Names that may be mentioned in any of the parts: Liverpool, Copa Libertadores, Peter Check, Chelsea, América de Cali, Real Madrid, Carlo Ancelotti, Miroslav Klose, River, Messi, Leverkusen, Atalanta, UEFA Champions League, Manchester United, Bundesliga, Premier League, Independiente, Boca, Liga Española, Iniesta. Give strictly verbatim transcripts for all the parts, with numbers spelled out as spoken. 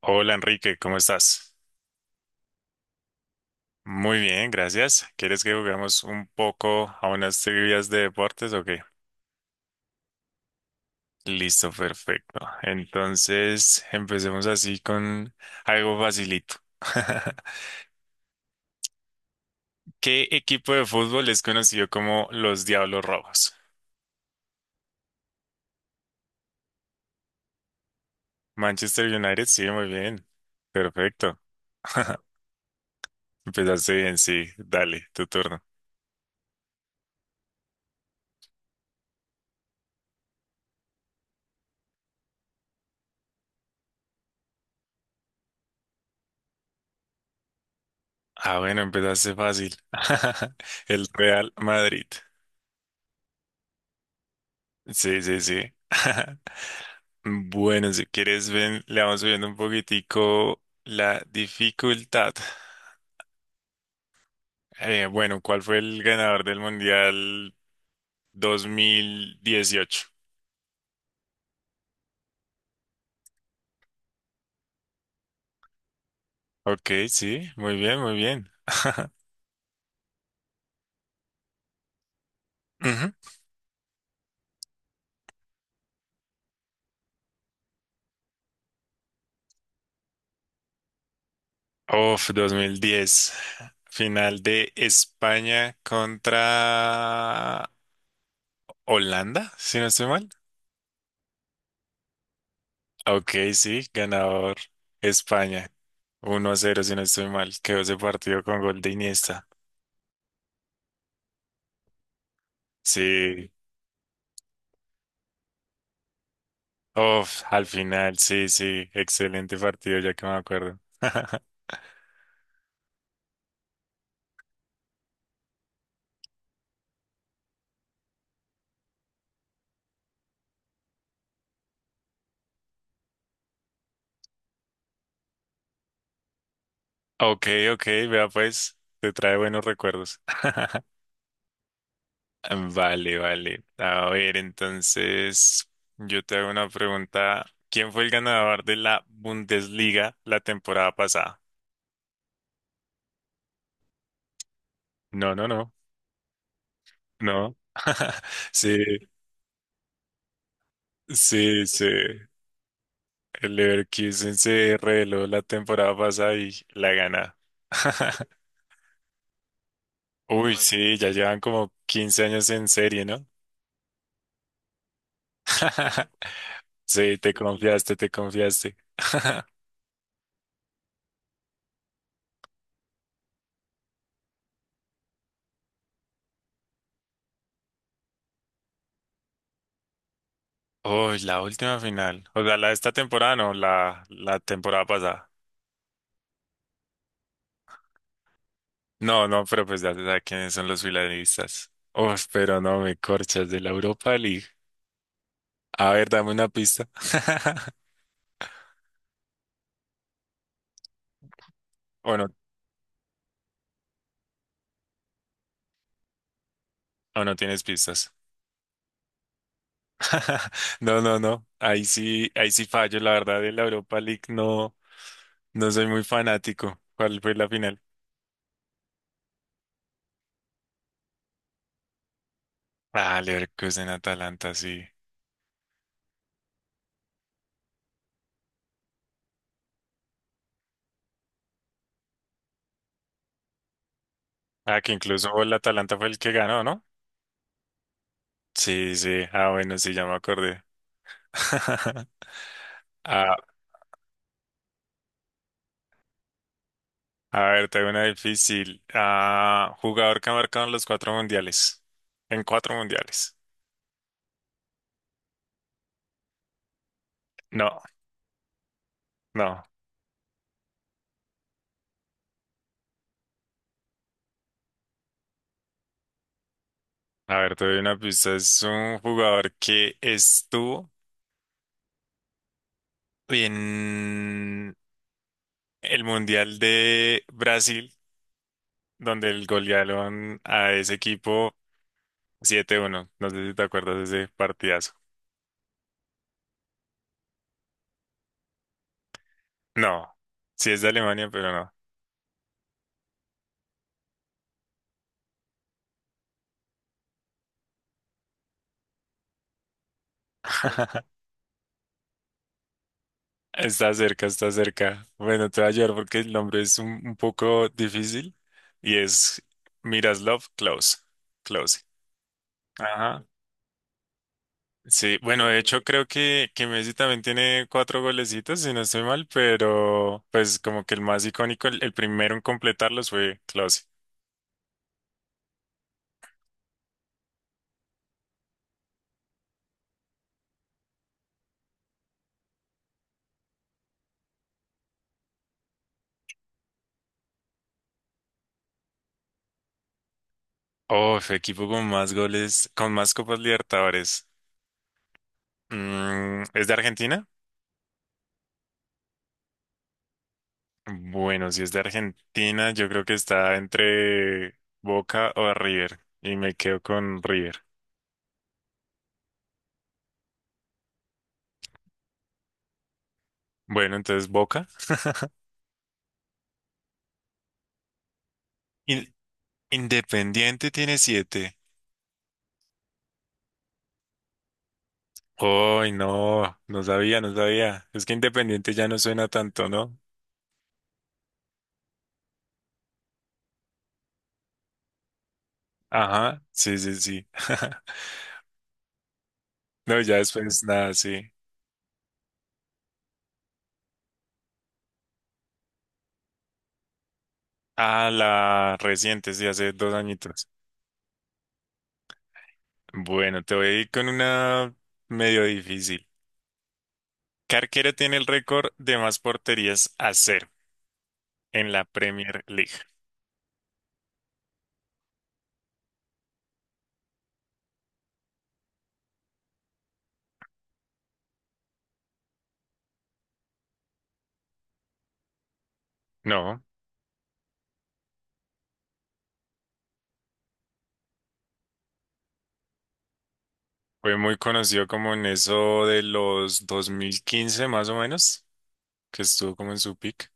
Hola Enrique, ¿cómo estás? Muy bien, gracias. ¿Quieres que juguemos un poco a unas trivias de deportes o qué? Listo, perfecto. Entonces, empecemos así con algo facilito. ¿Qué equipo de fútbol es conocido como los Diablos Rojos? Manchester United, sí, muy bien. Perfecto. Empezaste bien, sí. Dale, tu turno. Ah, bueno, empezaste fácil. El Real Madrid. Sí, sí, sí. Bueno, si quieres, ven, le vamos subiendo un poquitico la dificultad. Eh, bueno, ¿cuál fue el ganador del Mundial dos mil dieciocho? Ok, sí, muy bien, muy bien. Ujú. Of dos mil diez, final de España contra Holanda, si no estoy mal. Ok, sí, ganador España. Uno a cero, si no estoy mal. Quedó ese partido con gol de Iniesta. Sí, uf, al final, sí, sí, excelente partido, ya que me acuerdo. Ok, ok, vea pues, te trae buenos recuerdos. Vale, vale. A ver, entonces, yo te hago una pregunta. ¿Quién fue el ganador de la Bundesliga la temporada pasada? No, no, no, no. Sí, sí, sí. El Leverkusen se reveló la temporada pasada y la gana. Uy, sí, ya llevan como quince años en serie, ¿no? Sí, te confiaste, te confiaste. Uy, la última final. O sea, la de esta temporada, no, la, la temporada pasada. No, no, pero pues ya se sabe quiénes son los finalistas. Uf, pero no me corchas de la Europa League. A ver, dame una pista. O no, o no tienes pistas. No, no, no. Ahí sí, ahí sí fallo. La verdad, de la Europa League no, no soy muy fanático. ¿Cuál fue la final? Ah, Leverkusen Atalanta, sí. Ah, que incluso el Atalanta fue el que ganó, ¿no? Sí, sí. Ah, bueno, sí, ya me acordé. Ah, a ver, tengo una difícil. Ah, jugador que ha marcado en los cuatro mundiales. En cuatro mundiales. No, no. A ver, te doy una pista. Es un jugador que estuvo en el Mundial de Brasil, donde el golearon a ese equipo siete uno. No sé si te acuerdas de ese partidazo. No, sí es de Alemania, pero no. Está cerca, está cerca. Bueno, te voy a ayudar porque el nombre es un, un poco difícil y es Miroslav Klose. Klose. Ajá. Sí, bueno, de hecho creo que, que Messi también tiene cuatro golecitos, si no estoy mal, pero pues como que el más icónico, el, el primero en completarlos fue Klose. Oh, fue equipo con más goles, con más Copas Libertadores. Mm, ¿es de Argentina? Bueno, si es de Argentina, yo creo que está entre Boca o River. Y me quedo con River. Bueno, entonces Boca. In- Independiente tiene siete. Ay, no, no sabía, no sabía. Es que Independiente ya no suena tanto, ¿no? Ajá, sí, sí, sí. No, ya después nada, sí. Ah, la reciente, sí, hace dos añitos. Bueno, te voy a ir con una medio difícil. ¿Qué arquero tiene el récord de más porterías a cero en la Premier League? No, fue muy conocido como en eso de los dos mil quince más o menos, que estuvo como en su pick.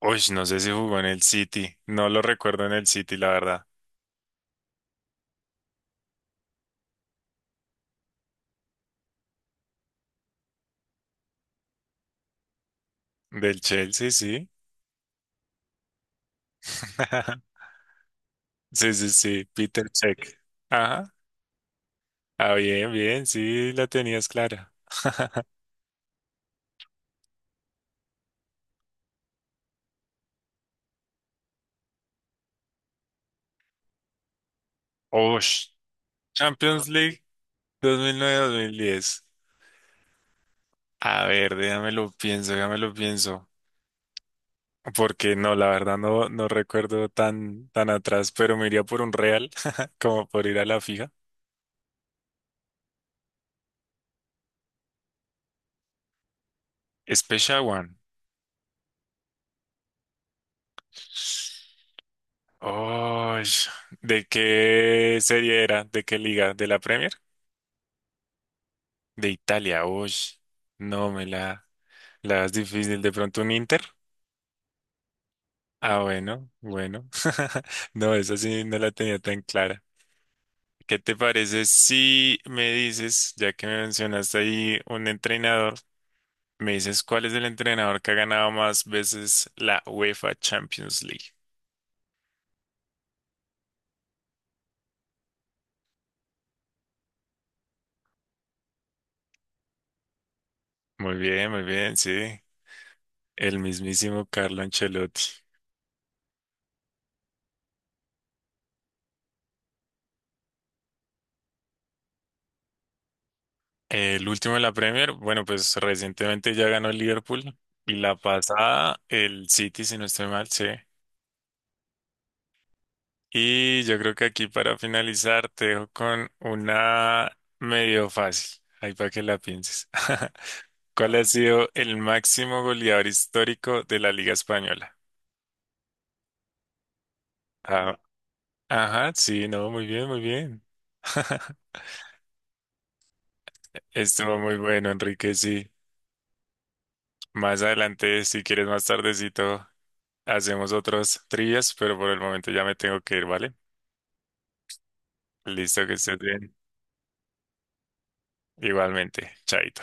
Uy, no sé si jugó en el City, no lo recuerdo en el City, la verdad. Del Chelsea, sí. Sí, sí, sí, Peter Check. Ajá. Ah, bien, bien, sí, la tenías clara. Uy, Champions League. dos mil nueve-dos mil diez. A ver, déjame lo pienso, déjame lo pienso. Porque no, la verdad no, no recuerdo tan, tan atrás, pero me iría por un real, como por ir a la fija. Special One. Oh, ¿de qué serie era? ¿De qué liga? ¿De la Premier? De Italia. Uy, no, me la, la das difícil. ¿De pronto un Inter? Ah, bueno, bueno. No, esa sí no la tenía tan clara. ¿Qué te parece si me dices, ya que me mencionaste ahí un entrenador, me dices cuál es el entrenador que ha ganado más veces la UEFA Champions League? Muy bien, muy bien, sí. El mismísimo Carlo Ancelotti. El último de la Premier, bueno, pues recientemente ya ganó el Liverpool y la pasada el City, si no estoy mal, sí. Y yo creo que aquí para finalizar te dejo con una medio fácil, ahí para que la pienses. ¿Cuál ha sido el máximo goleador histórico de la Liga Española? Ah, ajá, sí, no, muy bien, muy bien. Estuvo muy bueno, Enrique, sí. Más adelante, si quieres más tardecito, hacemos otros trivias, pero por el momento ya me tengo que ir, ¿vale? Listo, que estés bien. Igualmente, chaito.